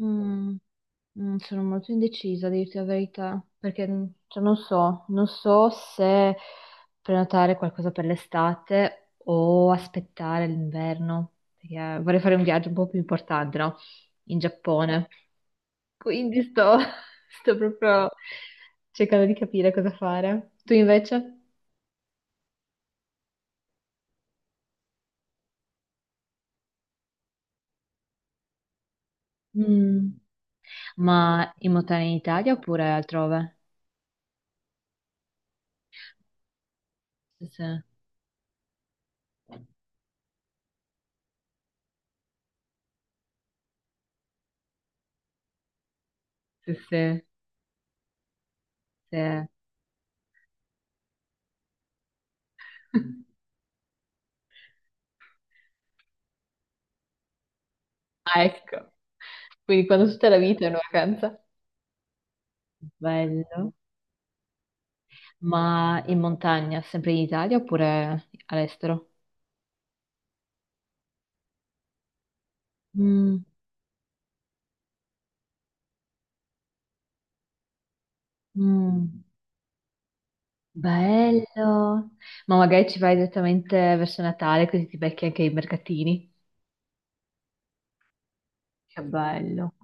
Mm, Sono molto indecisa, a dirti la verità, perché cioè, non so se prenotare qualcosa per l'estate o aspettare l'inverno, perché vorrei fare un viaggio un po' più importante, no? In Giappone. Quindi sto, sto proprio cercando di capire cosa fare. Tu invece? Mm, Ma in montagna in Italia oppure altrove? Sì, sì, sì, sì, sì. Ah, ecco. Quindi quando tutta la vita è una vacanza. Bello. Ma in montagna, sempre in Italia oppure all'estero? Mm, mm, bello. Ma magari ci vai direttamente verso Natale, così ti becchi anche i mercatini. Che bello.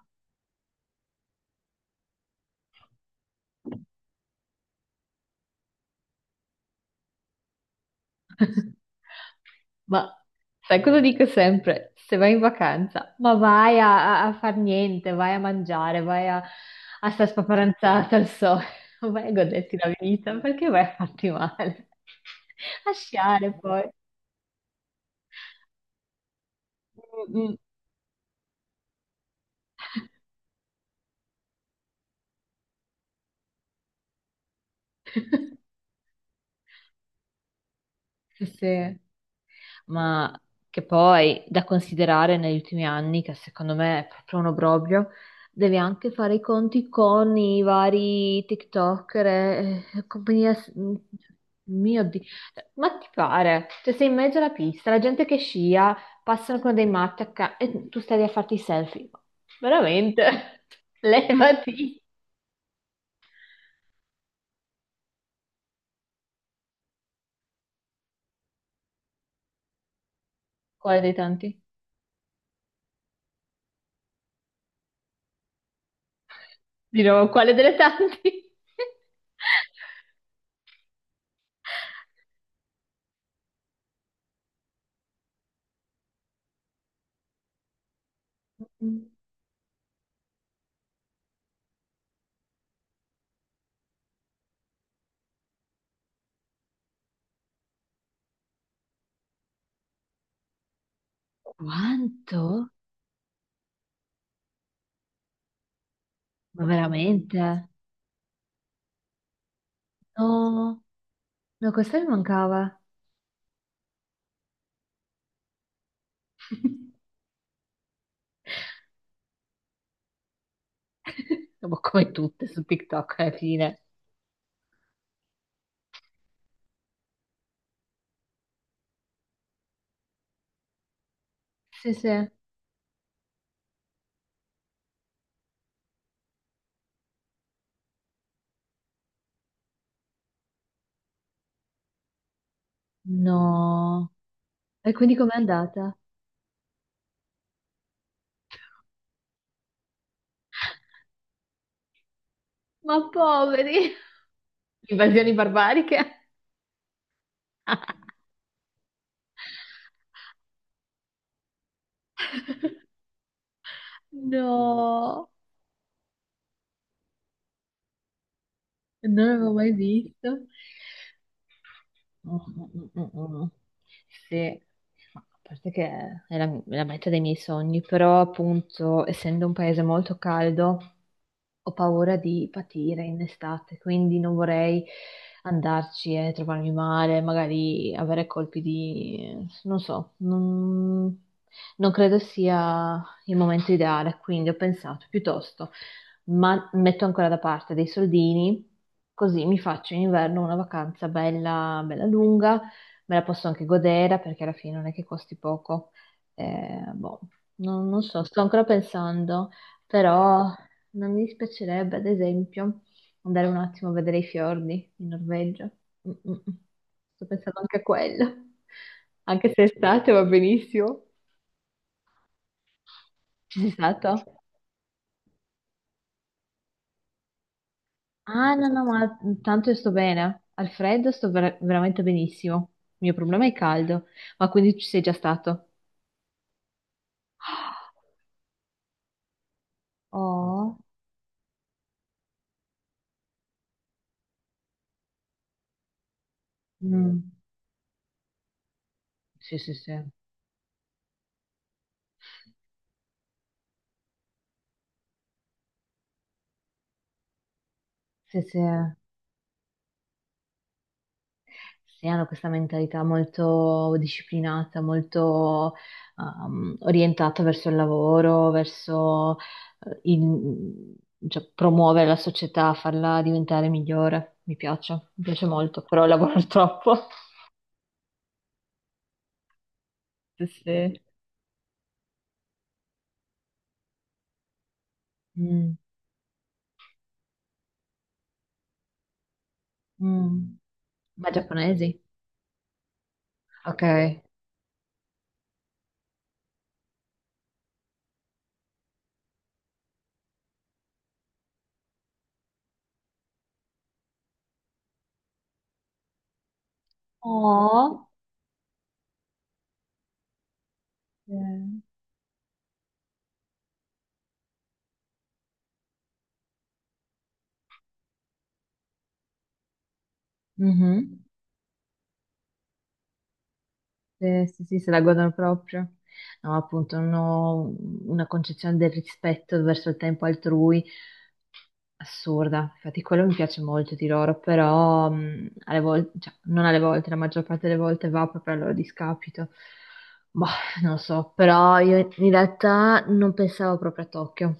Ma sai cosa dico sempre? Se vai in vacanza, ma vai a far niente, vai a mangiare, vai a stare spaparanzata al sole, vai a goderti la vita, perché vai a farti male? A sciare poi. Mm, mm. Sì, sì. Ma che poi da considerare negli ultimi anni, che secondo me è proprio un obbrobrio, devi anche fare i conti con i vari TikToker e compagnia. Mio Dio, ma ti pare? Cioè, sei in mezzo alla pista, la gente che scia, passano con dei matti e tu stai lì a farti i selfie. Veramente? Levati. Quale dei tanti? Di nuovo, quale delle tanti? Quanto? Ma veramente? No, no, questa mi mancava. Ma come tutte su TikTok alla fine. Sì, sì. No. E quindi com'è andata? Ma poveri! Invasioni barbariche? No, non l'avevo mai visto. Mm, mm, mm, mm. Sì, ma a parte che è la meta dei miei sogni, però appunto, essendo un paese molto caldo, ho paura di patire in estate, quindi non vorrei andarci e trovarmi male, magari avere colpi di non so, non credo sia il momento ideale, quindi ho pensato piuttosto ma metto ancora da parte dei soldini, così mi faccio in inverno una vacanza bella, bella lunga, me la posso anche godere perché alla fine non è che costi poco. Boh, non so, sto ancora pensando, però non mi dispiacerebbe, ad esempio, andare un attimo a vedere i fiordi in Norvegia. Mm, mm, mm. Sto pensando anche a quello, anche se è estate va benissimo. Ci sei stato? Ah, no, no, ma tanto io sto bene. Al freddo sto veramente benissimo. Il mio problema è il caldo. Ma quindi ci sei già stato? Oh, mm. Sì, sì, sì. Sì, sì. Sì, hanno questa mentalità molto disciplinata, molto orientata verso il lavoro, verso eh, il- cioè, promuovere la società, farla diventare migliore. Mi piace molto, però lavoro troppo. Sì, sì. Mm, mm. Ma giapponesi? Ok. Oh, eh, mhm. Sì, sì, sì, se la guardano proprio. No, appunto, non ho una concezione del rispetto verso il tempo altrui assurda. Infatti, quello mi piace molto di loro, però alle volte, cioè, non alle volte, la maggior parte delle volte va proprio al loro discapito. Boh, non lo so, però io in realtà non pensavo proprio a Tokyo.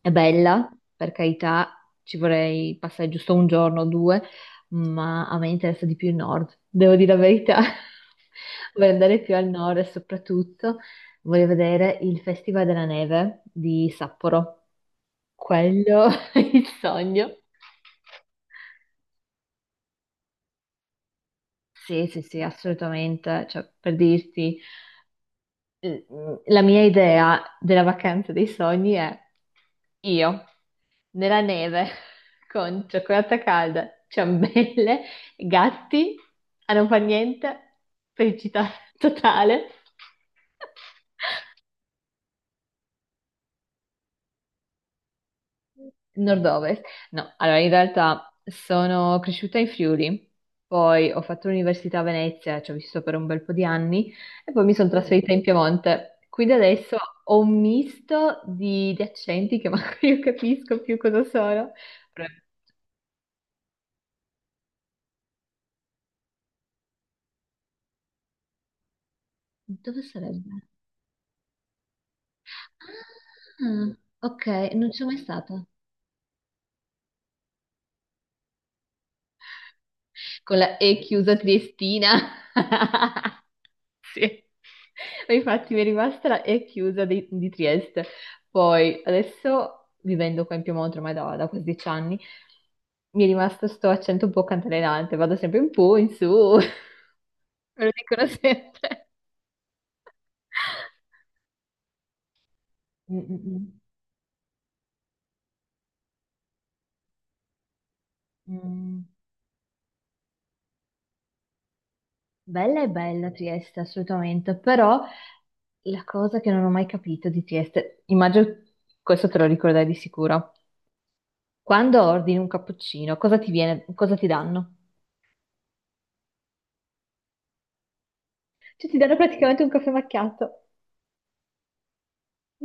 È bella, per carità, ci vorrei passare giusto un giorno o due, ma a me interessa di più il nord, devo dire la verità. Vorrei andare più al nord e soprattutto voglio vedere il Festival della Neve di Sapporo. Quello è il sogno. Sì, sì, sì, assolutamente. Cioè, per dirti, la mia idea della vacanza dei sogni è io nella neve con cioccolata calda, ciambelle, gatti a non far niente, felicità totale. Nord-ovest? No, allora in realtà sono cresciuta in Friuli, poi ho fatto l'università a Venezia, ci ho vissuto per un bel po' di anni e poi mi sono trasferita in Piemonte. Quindi adesso ho un misto di accenti che manco io capisco più cosa sono. Però- Dove sarebbe? Ah, ok, non ci sono mai stata. Con la E chiusa triestina. Sì. E infatti mi è rimasta la E chiusa di Trieste. Poi adesso vivendo qua in Piemonte ormai da quasi 10 anni, mi è rimasto sto accento un po' cantalenante, vado sempre in po', in su, me lo dicono sempre. Mm, mm, mm, mm. Bella è bella Trieste, assolutamente, però la cosa che non ho mai capito di Trieste, immagino questo te lo ricorderai di sicuro. Quando ordini un cappuccino, cosa ti viene, cosa ti danno? Cioè, ti danno praticamente un caffè macchiato.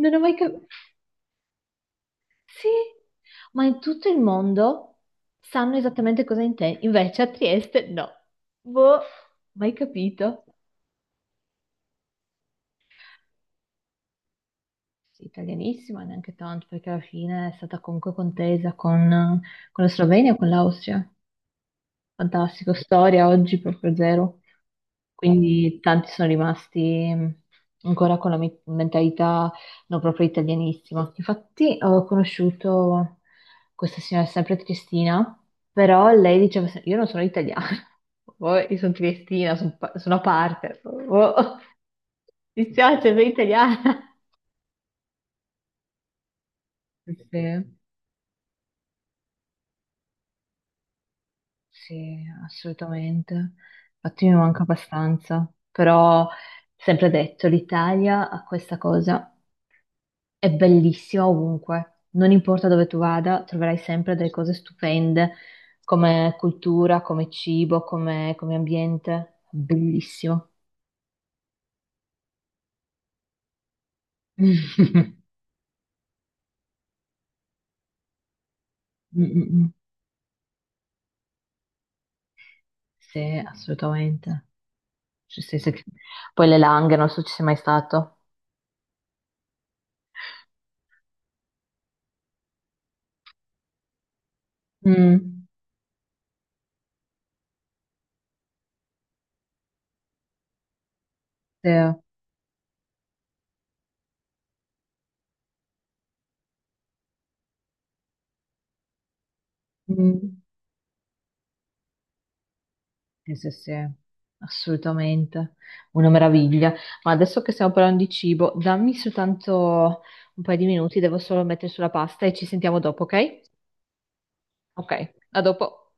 Non ho mai capito. Sì, ma in tutto il mondo sanno esattamente cosa intendi. Invece a Trieste no. Boh, mai capito. Sì, italianissima, neanche tanto, perché alla fine è stata comunque contesa con la Slovenia e con l'Austria. Fantastico, storia oggi proprio zero. Quindi tanti sono rimasti ancora con la mentalità non proprio italianissima. Infatti ho conosciuto questa signora, sempre triestina, però lei diceva, io non sono italiana, Oh, io sono triestina, sono a parte, oh, mi dispiace, sono italiana. Sì, sì, assolutamente. Infatti mi manca abbastanza, però sempre detto, l'Italia ha questa cosa. È bellissima ovunque, non importa dove tu vada, troverai sempre delle cose stupende come, cultura, come cibo, come ambiente. Bellissimo. Mm, mm, sì, assolutamente. Cioè, sì, sì. Poi le Langhe, non so se ci sei mai stato. Mm. Sì, Mm, sì, sì, sì, assolutamente. Una meraviglia. Ma adesso che stiamo parlando di cibo, dammi soltanto un paio di minuti, devo solo mettere sulla pasta e ci sentiamo dopo, ok? Ok, a dopo.